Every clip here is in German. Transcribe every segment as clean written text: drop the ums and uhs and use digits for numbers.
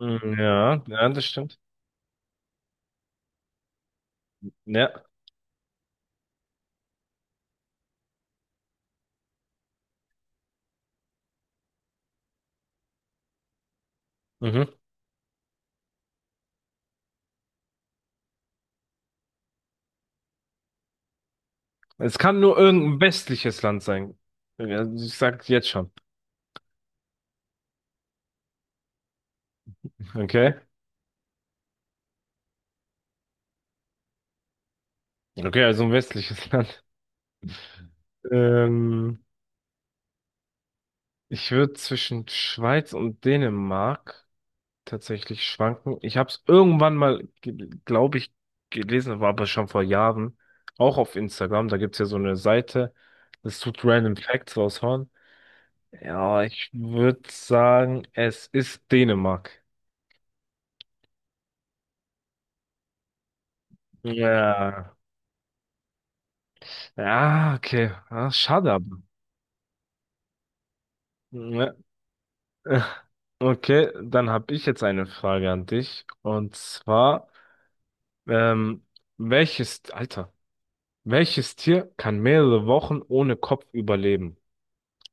Mhm, Ja, das stimmt. Ja. Mhm. Es kann nur irgendein westliches Land sein. Ja, ich sag's jetzt schon. Okay. Okay, also ein westliches Land. Ähm, ich würde zwischen Schweiz und Dänemark tatsächlich schwanken. Ich habe es irgendwann mal, glaube ich, gelesen, war aber schon vor Jahren, auch auf Instagram. Da gibt's ja so eine Seite, das tut Random Facts raushauen. Ja, ich würde sagen, es ist Dänemark. Ja. Ja, okay. Ah, schade aber. Ja. Okay, dann habe ich jetzt eine Frage an dich. Und zwar, ähm, welches, Alter, welches Tier kann mehrere Wochen ohne Kopf überleben?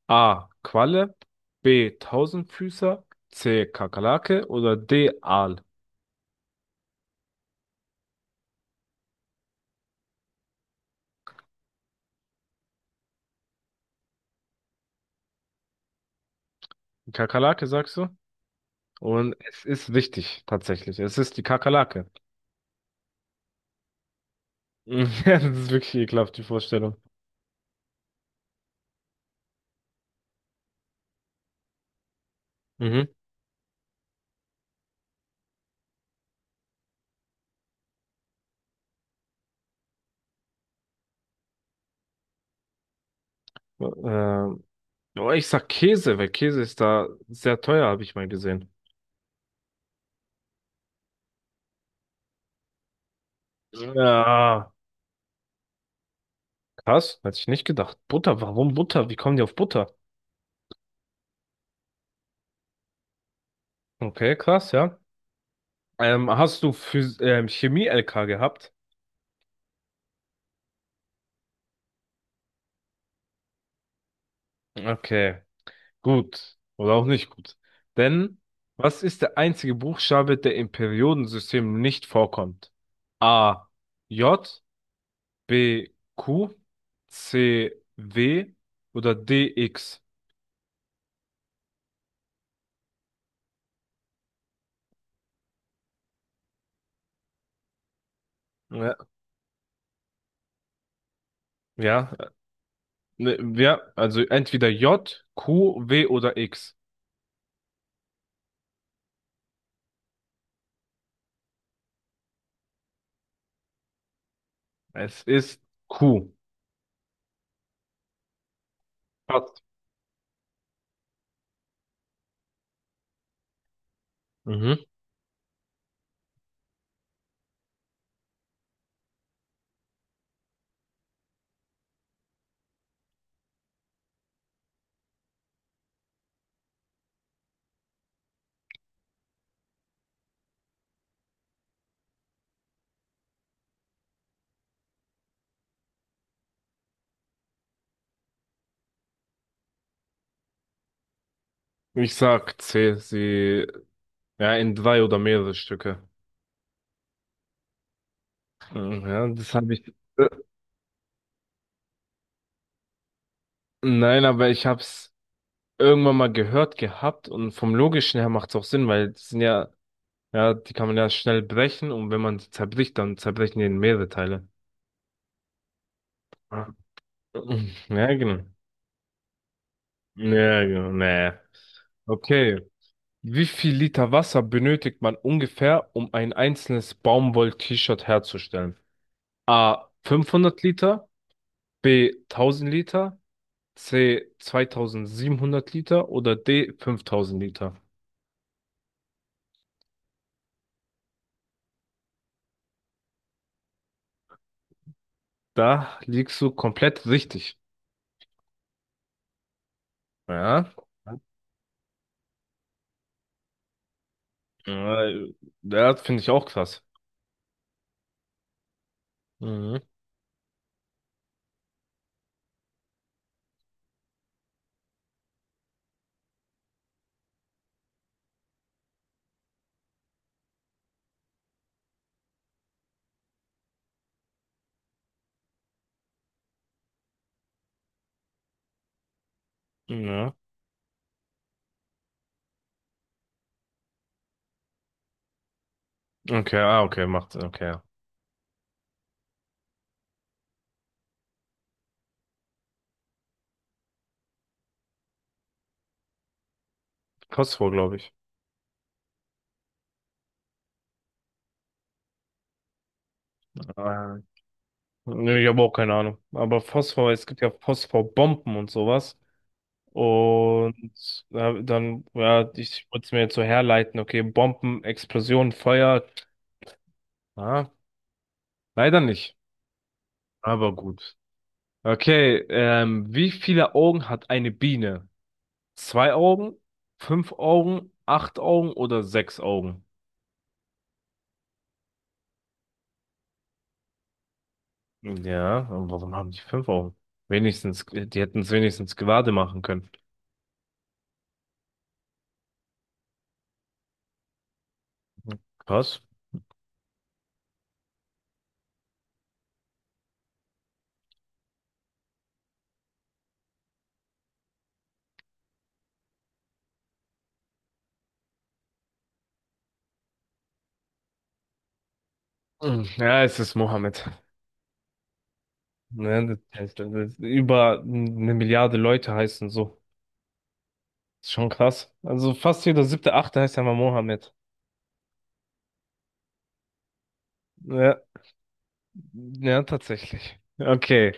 A. Qualle, B. Tausendfüßer, C. Kakerlake oder D. Aal? Kakerlake sagst du? Und es ist richtig, tatsächlich. Es ist die Kakerlake. Ja, das ist wirklich ekelhaft, die Vorstellung. Mhm. Ähm, oh, ich sag Käse, weil Käse ist da sehr teuer, habe ich mal gesehen. Ja. Krass, hätte ich nicht gedacht. Butter, warum Butter? Wie kommen die auf Butter? Okay, krass, ja. Hast du Phys Chemie-LK gehabt? Okay, gut. Oder auch nicht gut. Denn was ist der einzige Buchstabe, der im Periodensystem nicht vorkommt? A, J, B, Q, C, W oder D, X? Ja, ja, Ne, ja, also entweder J, Q, W oder X. Es ist Q. Passt. Mhm. Ich sag C, ja, in drei oder mehrere Stücke. Mhm, ja, das habe ich. Äh, Nein, aber ich habe es irgendwann mal gehört gehabt und vom Logischen her macht es auch Sinn, weil die sind ja, ja, die kann man ja schnell brechen und wenn man die zerbricht, dann zerbrechen die in mehrere Teile. Ah. Mhm, ja, genau. Ja, genau. Nee. Okay. Wie viel Liter Wasser benötigt man ungefähr, um ein einzelnes Baumwoll-T-Shirt herzustellen? A. 500 Liter, B. 1000 Liter, C. 2700 Liter oder D. 5000 Liter? Da liegst du komplett richtig. Ja, äh, das finde ich auch krass. Mhm. Ja. Okay, ah, okay, macht, okay. Phosphor, glaube ich. Äh, nee, ich habe auch keine Ahnung. Aber Phosphor, es gibt ja Phosphorbomben und sowas. Und dann, ja, ich wollte es mir jetzt so herleiten, okay, Bomben, Explosion, Feuer. Ah, leider nicht, aber gut. Okay, wie viele Augen hat eine Biene? Zwei Augen, fünf Augen, acht Augen oder sechs Augen? Ja, und warum haben die fünf Augen? Wenigstens, die hätten es wenigstens gerade machen können. Was? Hm, ja, es ist Mohammed. Ne, das heißt, das ist über eine Milliarde Leute heißen so. Ist schon krass. Also fast jeder siebte, achte heißt ja mal Mohammed. Ja, ja, tatsächlich. Okay.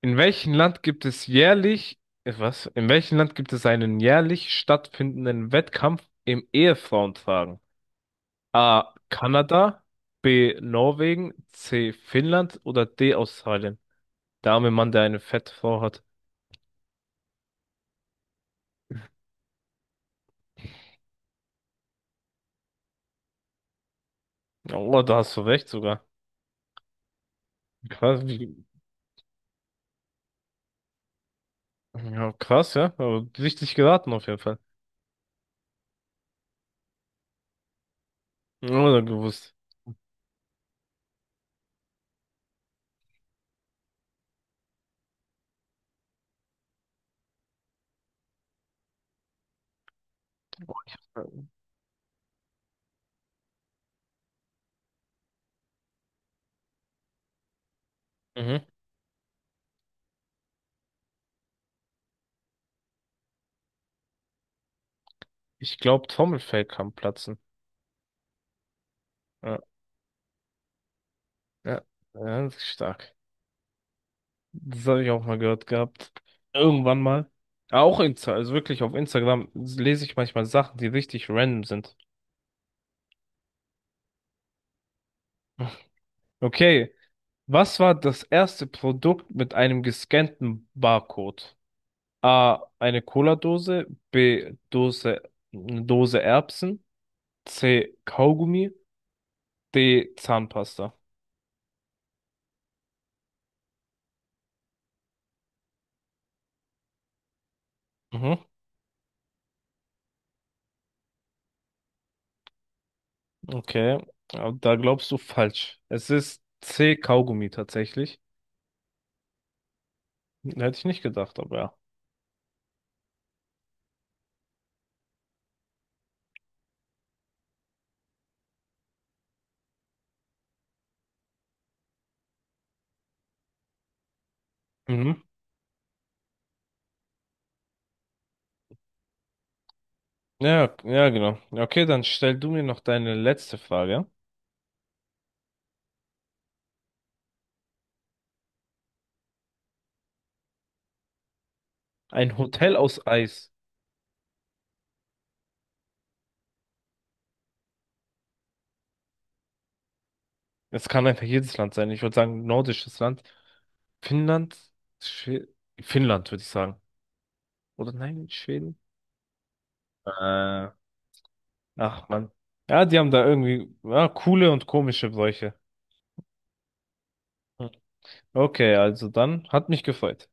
In welchem Land gibt es jährlich, was? In welchem Land gibt es einen jährlich stattfindenden Wettkampf im Ehefrauentragen? A. Kanada, B. Norwegen, C. Finnland oder D. Australien? Der arme Mann, der eine fette Frau hat. Oh, da hast du recht sogar. Krass, wie, ja, krass, ja. Aber richtig geraten auf jeden Fall. Oder gewusst. Mhm. Ich glaube, Trommelfell kann platzen. Ja, ja, ja, das ist stark. Das habe ich auch mal gehört gehabt. Irgendwann mal. Ah, auch Insta, also wirklich auf Instagram lese ich manchmal Sachen, die richtig random sind. Okay, was war das erste Produkt mit einem gescannten Barcode? A, eine Cola-Dose, B, eine Dose Erbsen, C, Kaugummi, D, Zahnpasta. Mhm. Okay, aber da glaubst du falsch. Es ist C-Kaugummi tatsächlich. Hätte ich nicht gedacht, aber ja. Mhm. Ja, ja, genau. Ja, okay, dann stell du mir noch deine letzte Frage. Ein Hotel aus Eis. Es kann einfach jedes Land sein. Ich würde sagen, nordisches Land. Finnland? Schwe Finnland, würde ich sagen. Oder nein, Schweden? Äh, ach Mann. Ja, die haben da irgendwie ja, coole und komische Bräuche. Hm. Okay, also dann hat mich gefreut.